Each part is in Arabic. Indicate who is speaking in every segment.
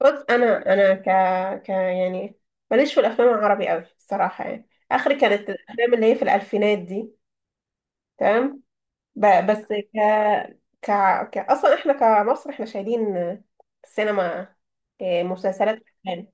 Speaker 1: بص، انا انا ك ك يعني ماليش في الافلام العربي قوي الصراحه، يعني اخري كانت الافلام اللي هي في الالفينات دي. تمام. بس ك ك اصلا احنا كمصر احنا شايلين السينما، إيه، مسلسلات، أفلام.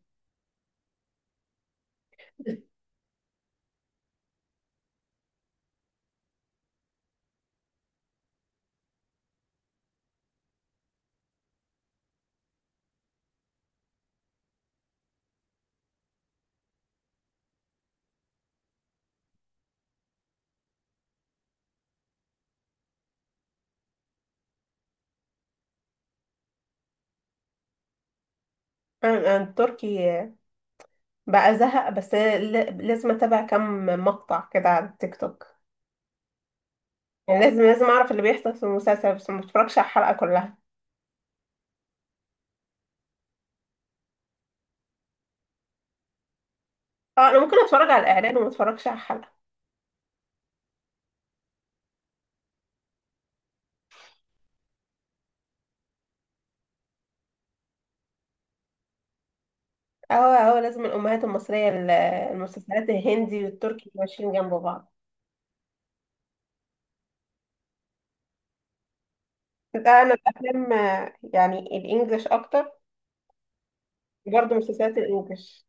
Speaker 1: انا التركي بقى زهق، بس لازم اتابع كم مقطع كده على التيك توك. يعني لازم اعرف اللي بيحصل في المسلسل، بس ما بتفرجش على الحلقه كلها. اه، انا ممكن اتفرج على الاعلان وما اتفرجش على الحلقه. اه اه، لازم الامهات المصريه، المسلسلات الهندي والتركي ماشيين جنب بعض. ده انا الافلام يعني الانجليش اكتر، برضه مسلسلات الانجليش.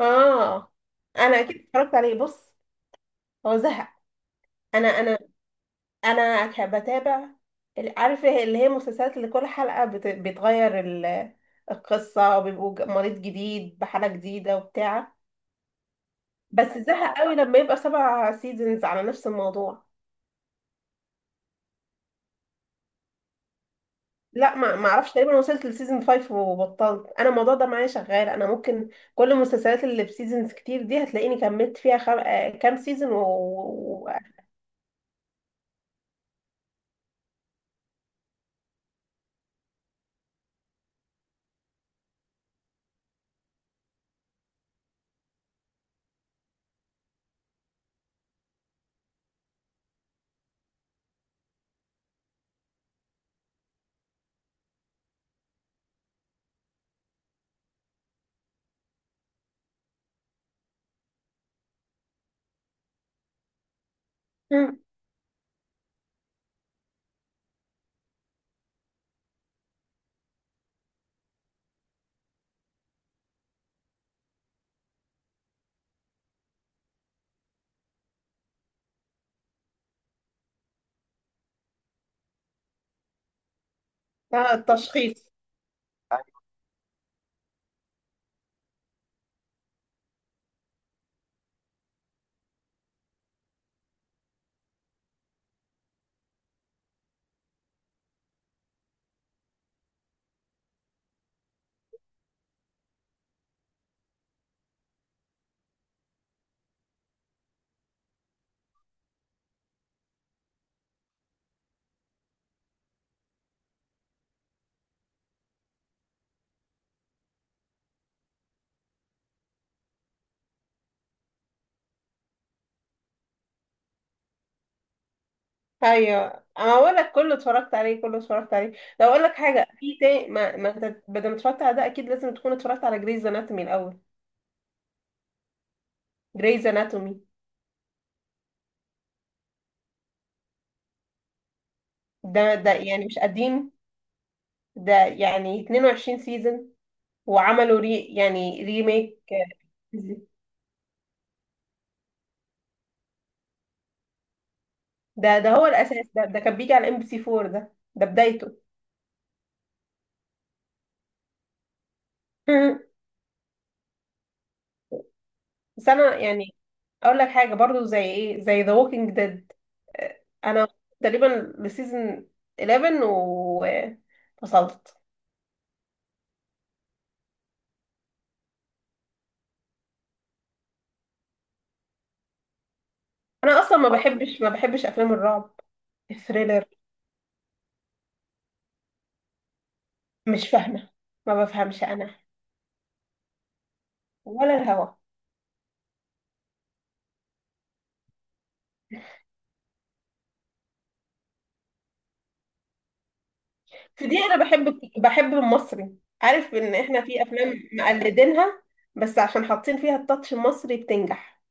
Speaker 1: اه، انا اكيد اتفرجت عليه، بص هو زهق. انا انا بتابع عارفه اللي هي المسلسلات اللي كل حلقه بتغير القصه، وبيبقوا مريض جديد بحاله جديده وبتاع. بس زهق قوي لما يبقى سبع سيزونز على نفس الموضوع. لا، ما اعرفش، تقريبا وصلت لسيزون 5 وبطلت. انا الموضوع ده معايا شغال، انا ممكن كل المسلسلات اللي بسيزونز كتير دي هتلاقيني كملت فيها خم... آه، كام سيزون مم. التشخيص. ايوه، انا اقول لك كله اتفرجت عليه، كله اتفرجت عليه. لو اقول لك حاجه في تاني، ما انت بدل ما اتفرجت على ده اكيد لازم تكون اتفرجت على جريز اناتومي الاول. جريز اناتومي. ده يعني مش قديم، ده يعني 22 سيزون وعملوا ري، يعني ريميك. ده هو الاساس، ده كان بيجي على ام بي سي 4، ده بدايته. بس انا يعني اقول لك حاجه برضو، زي ايه، زي ذا ووكينج ديد، انا تقريبا لسيزون 11 وفصلت. انا اصلا ما بحبش افلام الرعب، الثريلر. مش فاهمه، ما بفهمش انا ولا الهوا. في دي انا بحب بحب المصري، عارف ان احنا في افلام مقلدينها، بس عشان حاطين فيها التاتش المصري بتنجح.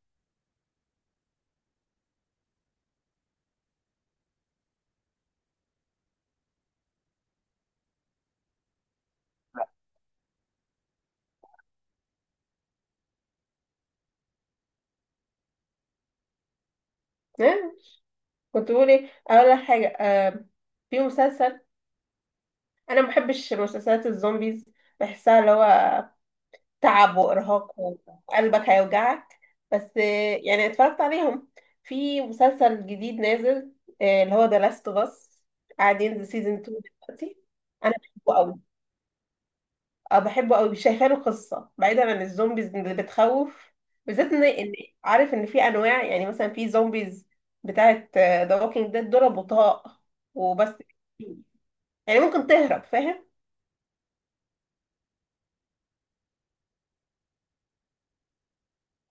Speaker 1: كنت بقول ايه، اقول لك حاجه، آه، في مسلسل. انا ما بحبش مسلسلات الزومبيز، بحسها اللي هو تعب وارهاق وقلبك هيوجعك، بس يعني اتفرجت عليهم. في مسلسل جديد نازل آه، اللي هو ذا لاست اوف اس، قاعد ينزل سيزون 2 دلوقتي. انا بحبه، اه بحبه قوي، شايفه له قصه بعيدا عن الزومبيز اللي بتخوف. بالذات ان عارف ان في انواع، يعني مثلا في زومبيز بتاعه ذا ووكينج ديد دول بطاء وبس، يعني ممكن تهرب، فاهم.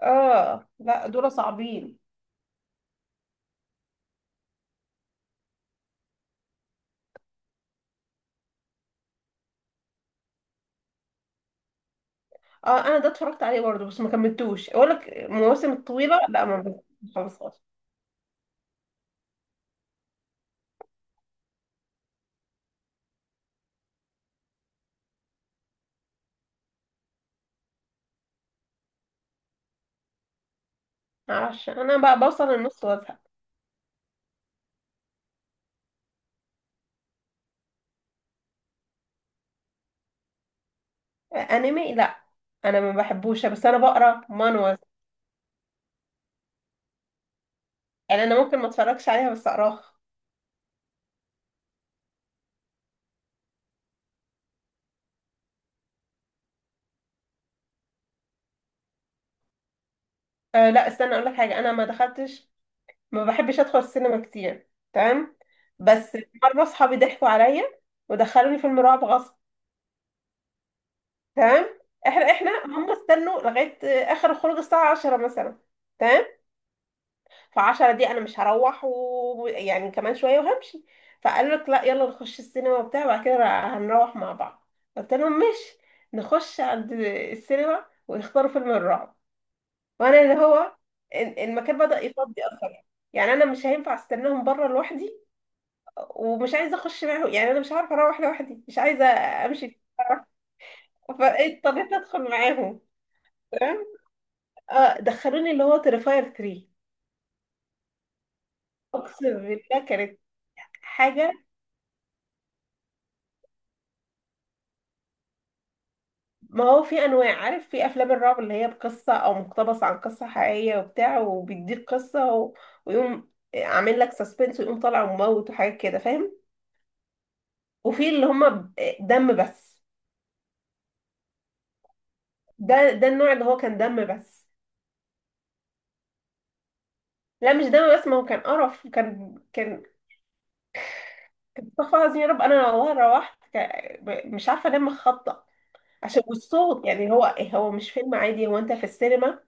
Speaker 1: اه لا، دول صعبين. اه، انا ده اتفرجت عليه برضه بس ما كملتوش، اقول لك المواسم الطويله لا ما بخلصهاش، معرفش انا بقى بوصل للنص وازهق. آه، انمي لا، انا ما بحبوش، بس انا بقرا مانوز، يعني انا ممكن ما اتفرجش عليها بس اقراها. آه لا، استنى اقول لك حاجه، انا ما دخلتش، ما بحبش ادخل السينما كتير. تمام، بس مره اصحابي ضحكوا عليا ودخلوني فيلم رعب غصب. تمام، احنا هم استنوا لغايه آه، اخر الخروج الساعه 10 مثلا. تمام، ف10 دي انا مش هروح، ويعني كمان شويه وهمشي. فقالوا لك لا، يلا نخش السينما وبتاع، بعد كده هنروح مع بعض. قلت لهم ماشي. نخش عند السينما ويختاروا فيلم الرعب، وانا اللي هو المكان بدأ يفضي اكتر. يعني انا مش هينفع استناهم بره لوحدي، ومش عايزه اخش معاهم، يعني انا مش عارفه اروح لوحدي، مش عايزه امشي. فاضطريت ادخل معاهم. تمام، اه دخلوني اللي هو تريفاير 3. اقسم بالله كانت حاجه. ما هو في انواع، عارف، في افلام الرعب اللي هي بقصه او مقتبس عن قصه حقيقيه وبتاع، وبيديك قصه و... ويقوم عامل لك سسبنس ويقوم طالع وموت وحاجات كده فاهم. وفي اللي هم دم بس. ده النوع اللي هو كان دم بس. لا مش دم بس، ما هو كان قرف، كان استغفر الله العظيم يا رب. انا لو روحت مش عارفه انام خبطه، عشان والصوت، يعني هو، هو مش فيلم عادي، هو انت في السينما،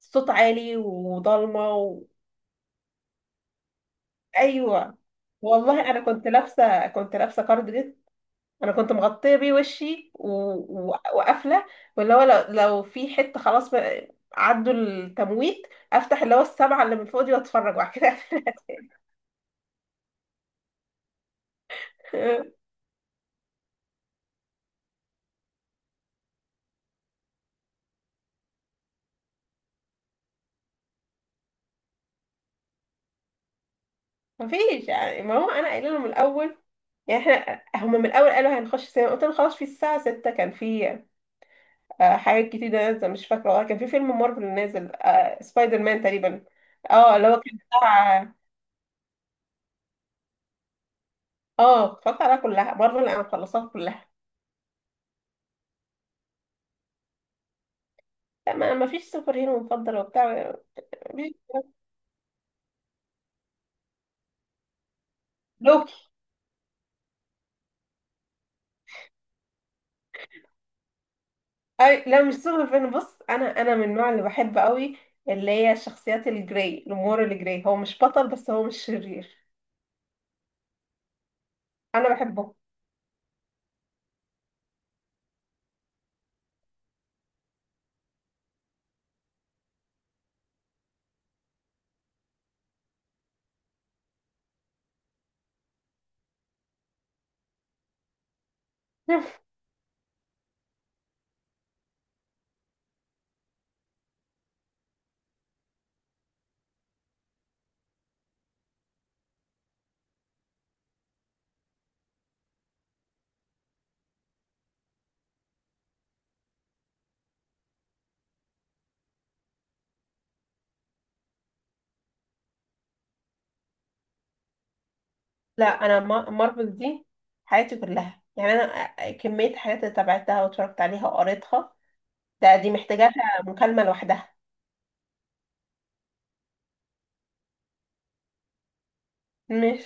Speaker 1: الصوت عالي وضلمه و... ايوه، والله انا كنت لابسه كارديجان، انا كنت مغطيه بيه وشي وقافله. واللي هو لو في حته خلاص بقى، عدوا التمويت، افتح اللي هو السبعه اللي من فوق دي واتفرج وبعد كده أقفل. مفيش يعني، ما هو انا قايله لهم من الاول، يعني احنا هم من الاول قالوا هنخش سينما، قلت لهم خلاص، في الساعه 6 كان في آه، حاجات كتير نازله مش فاكره والله، كان في فيلم مارفل نازل آه، سبايدر مان تقريبا، اه اللي هو كان بتاع. اه، اتفرجت عليها كلها، مارفل انا مخلصاها كلها. لا، ما فيش سوبر هيرو مفضل وبتاع. مفيش. لوكي. اي لا، مش سوبر هيرو، بص انا من النوع اللي بحب قوي اللي هي الشخصيات الجراي، الامور الجراي، هو مش بطل بس هو مش شرير، انا بحبه. لا انا مارفل دي حياتي كلها، يعني انا كميه حاجات اللي تابعتها واتفرجت عليها وقريتها، ده دي محتاجاها مكالمه لوحدها. مش